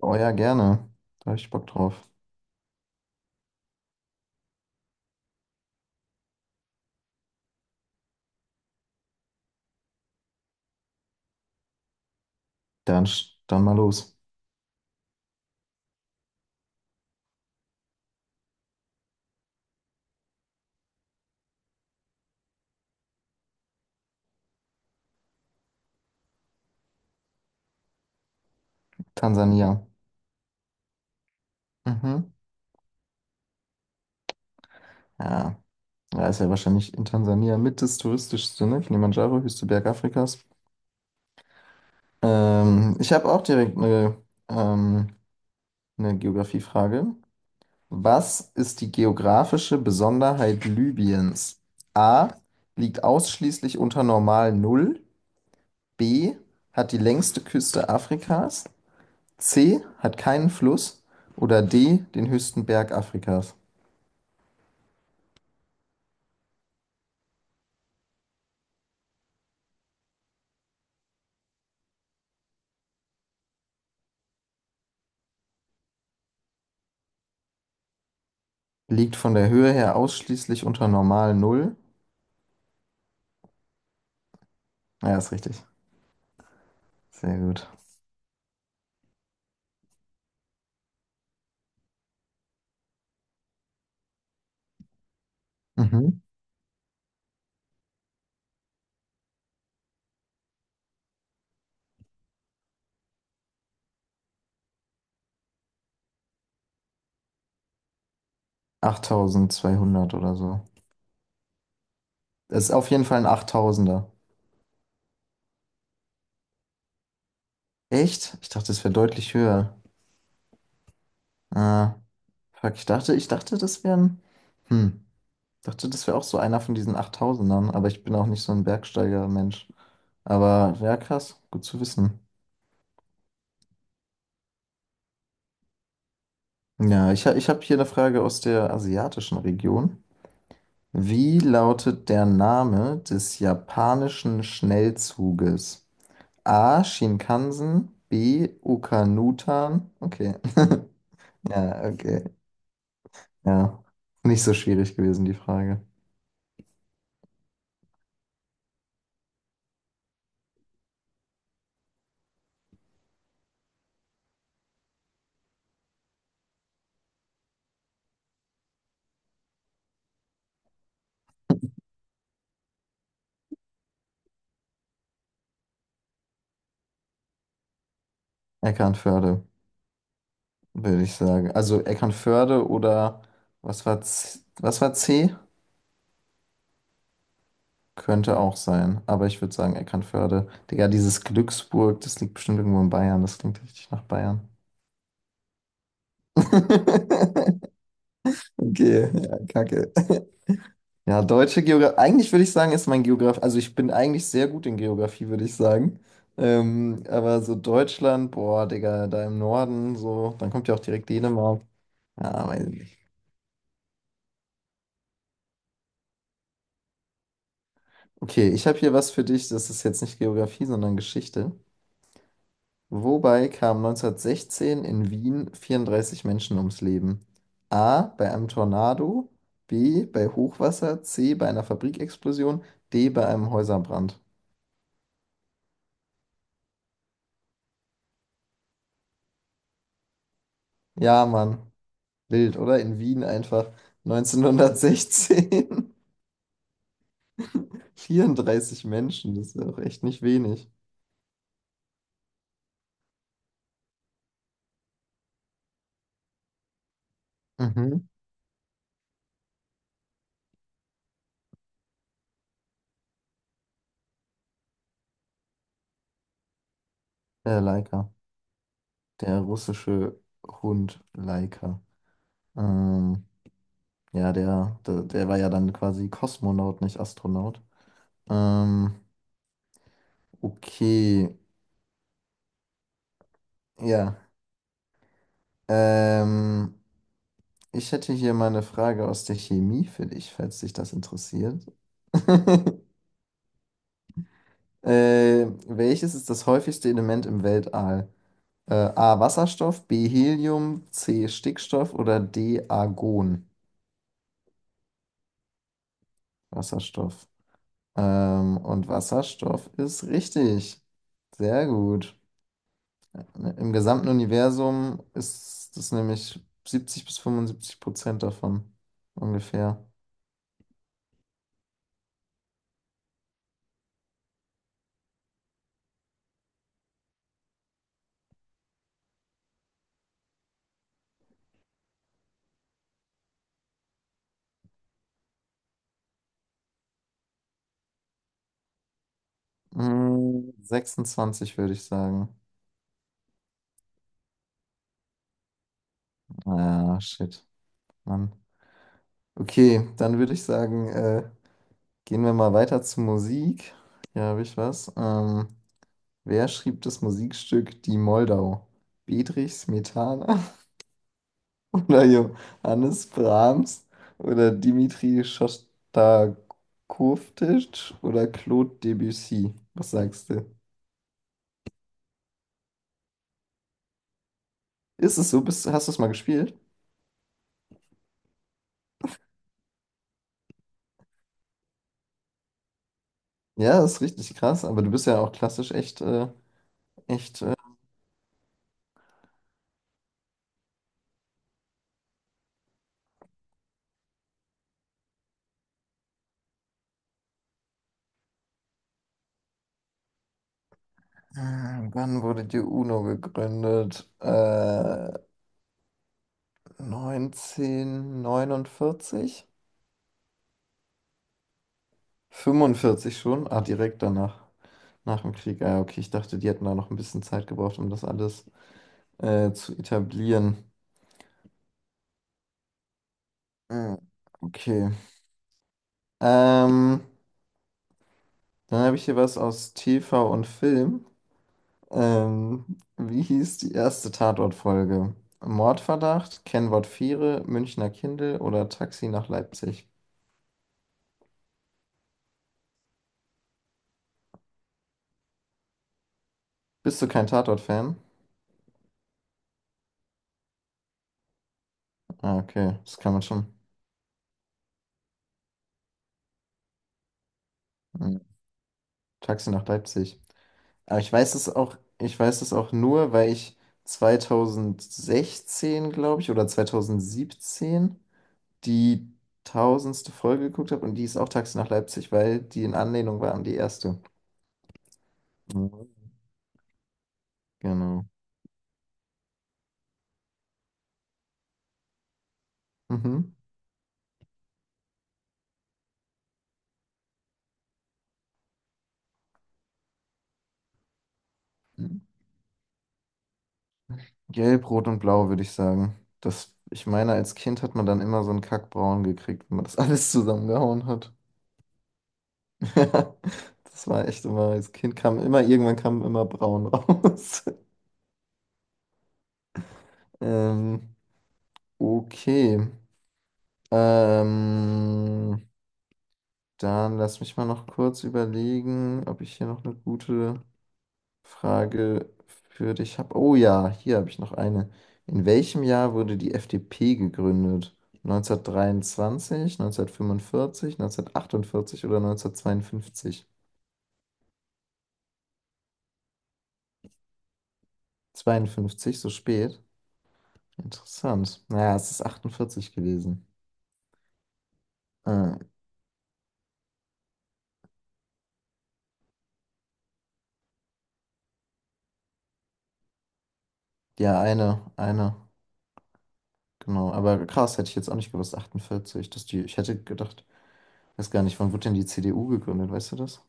Oh ja, gerne. Da hab ich Bock drauf. Dann mal los. Tansania. Mhm. Ja, da ist ja wahrscheinlich in Tansania mit das touristischste, ne? Kilimanjaro, höchste Berg Afrikas. Ich habe auch direkt ähm, eine Geografiefrage. Was ist die geografische Besonderheit Libyens? A. Liegt ausschließlich unter Normal Null. B. Hat die längste Küste Afrikas. C hat keinen Fluss oder D den höchsten Berg Afrikas. Liegt von der Höhe her ausschließlich unter normal Null. Ja, ist richtig. Sehr gut. Mhm. 8200 oder so. Das ist auf jeden Fall ein Achttausender. Echt? Ich dachte, es wäre deutlich höher. Ah, fuck, ich dachte, das wären. Hm. Ich dachte, das wäre auch so einer von diesen Achttausendern, aber ich bin auch nicht so ein Bergsteiger-Mensch. Aber ja, krass, gut zu wissen. Ja, ich habe hier eine Frage aus der asiatischen Region. Wie lautet der Name des japanischen Schnellzuges? A. Shinkansen, B. Okanutan. Okay. Ja, okay. Ja. Nicht so schwierig gewesen, die Frage. Eckernförde, würde ich sagen. Also Eckernförde oder was war C? Was war C? Könnte auch sein, aber ich würde sagen Eckernförde. Digga, dieses Glücksburg, das liegt bestimmt irgendwo in Bayern. Das klingt richtig nach Bayern. Okay, ja, kacke. Ja, deutsche Geografie. Eigentlich würde ich sagen, ist mein Geograf. Also ich bin eigentlich sehr gut in Geografie, würde ich sagen. Aber so Deutschland, boah, Digga, da im Norden, so, dann kommt ja auch direkt Dänemark. Ja, weiß ich nicht. Okay, ich habe hier was für dich. Das ist jetzt nicht Geografie, sondern Geschichte. Wobei kamen 1916 in Wien 34 Menschen ums Leben? A. Bei einem Tornado. B. Bei Hochwasser. C. Bei einer Fabrikexplosion. D. Bei einem Häuserbrand. Ja, Mann. Wild, oder? In Wien einfach 1916 34 Menschen, das ist ja auch echt nicht wenig. Mhm. Der Leica, der russische Hund Leica. Ähm, ja, der war ja dann quasi Kosmonaut, nicht Astronaut. Ähm, okay, ja. Ähm, ich hätte hier mal eine Frage aus der Chemie für dich, falls dich das interessiert. Welches ist das häufigste Element im Weltall? A. Wasserstoff, B. Helium, C. Stickstoff oder D. Argon. Wasserstoff. Und Wasserstoff ist richtig. Sehr gut. Im gesamten Universum ist das nämlich 70 bis 75% davon. Ungefähr. 26 würde ich sagen. Ah, shit, Mann. Okay, dann würde ich sagen, gehen wir mal weiter zu Musik. Hier habe ich was. Wer schrieb das Musikstück Die Moldau? Bedřich Smetana oder Johannes Brahms oder Dimitri Schostakowitsch oder Claude Debussy? Was sagst du? Ist es so? Hast du es mal gespielt? Ja, das ist richtig krass, aber du bist ja auch klassisch echt. Wann wurde die UNO gegründet? 1949? 45 schon? Ah, direkt danach. Nach dem Krieg. Ah, okay, ich dachte, die hätten da noch ein bisschen Zeit gebraucht, um das alles zu etablieren. Hm. Okay. Ähm, dann habe ich hier was aus TV und Film. Wie hieß die erste Tatort-Folge? Mordverdacht, Kennwort Viere, Münchner Kindel oder Taxi nach Leipzig? Bist du kein Tatort-Fan? Ah, okay, das kann man schon. Hm. Taxi nach Leipzig. Aber ich weiß es auch, ich weiß es auch nur, weil ich 2016, glaube ich, oder 2017 die 1000. Folge geguckt habe und die ist auch Taxi nach Leipzig, weil die in Anlehnung war an die erste. Mhm. Genau. Mhm. Gelb, Rot und Blau, würde ich sagen. Das, ich meine, als Kind hat man dann immer so einen Kackbraun gekriegt, wenn man das alles zusammengehauen hat. Das war echt immer, als Kind kam immer, irgendwann kam immer braun raus. Ähm, okay. Ähm, dann lass mich mal noch kurz überlegen, ob ich hier noch eine gute Frage für dich habe. Oh ja, hier habe ich noch eine. In welchem Jahr wurde die FDP gegründet? 1923, 1945, 1948 oder 1952? Zweiundfünfzig? So spät? Interessant. Naja, es ist 48 gewesen. Äh, ja, genau. Aber krass, hätte ich jetzt auch nicht gewusst, 48. Dass die. Ich hätte gedacht. Weiß gar nicht, wann wurde denn die CDU gegründet, weißt du das?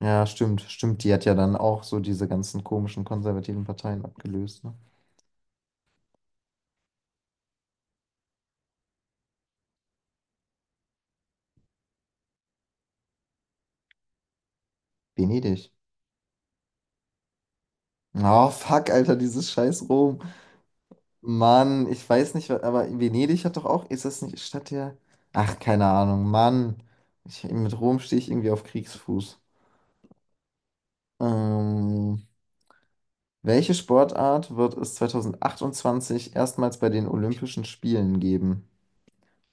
Ja, stimmt, stimmt. Die hat ja dann auch so diese ganzen komischen konservativen Parteien abgelöst, ne? Venedig. Oh, fuck, Alter, dieses scheiß Rom. Mann, ich weiß nicht, aber Venedig hat doch auch, ist das nicht Stadt der... Ach, keine Ahnung, Mann. Mit Rom stehe ich irgendwie auf Kriegsfuß. Ähm, welche Sportart wird es 2028 erstmals bei den Olympischen Spielen geben?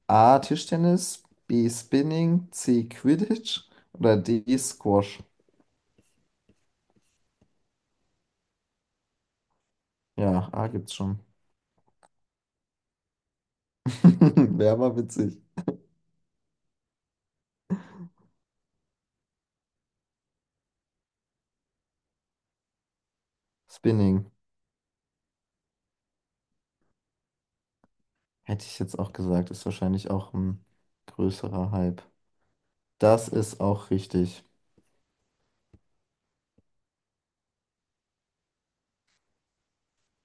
A. Tischtennis, B. Spinning, C. Quidditch oder D. Squash. Ja, A gibt's schon. Wäre aber witzig. Spinning. Hätte ich jetzt auch gesagt, ist wahrscheinlich auch ein größerer Hype. Das ist auch richtig.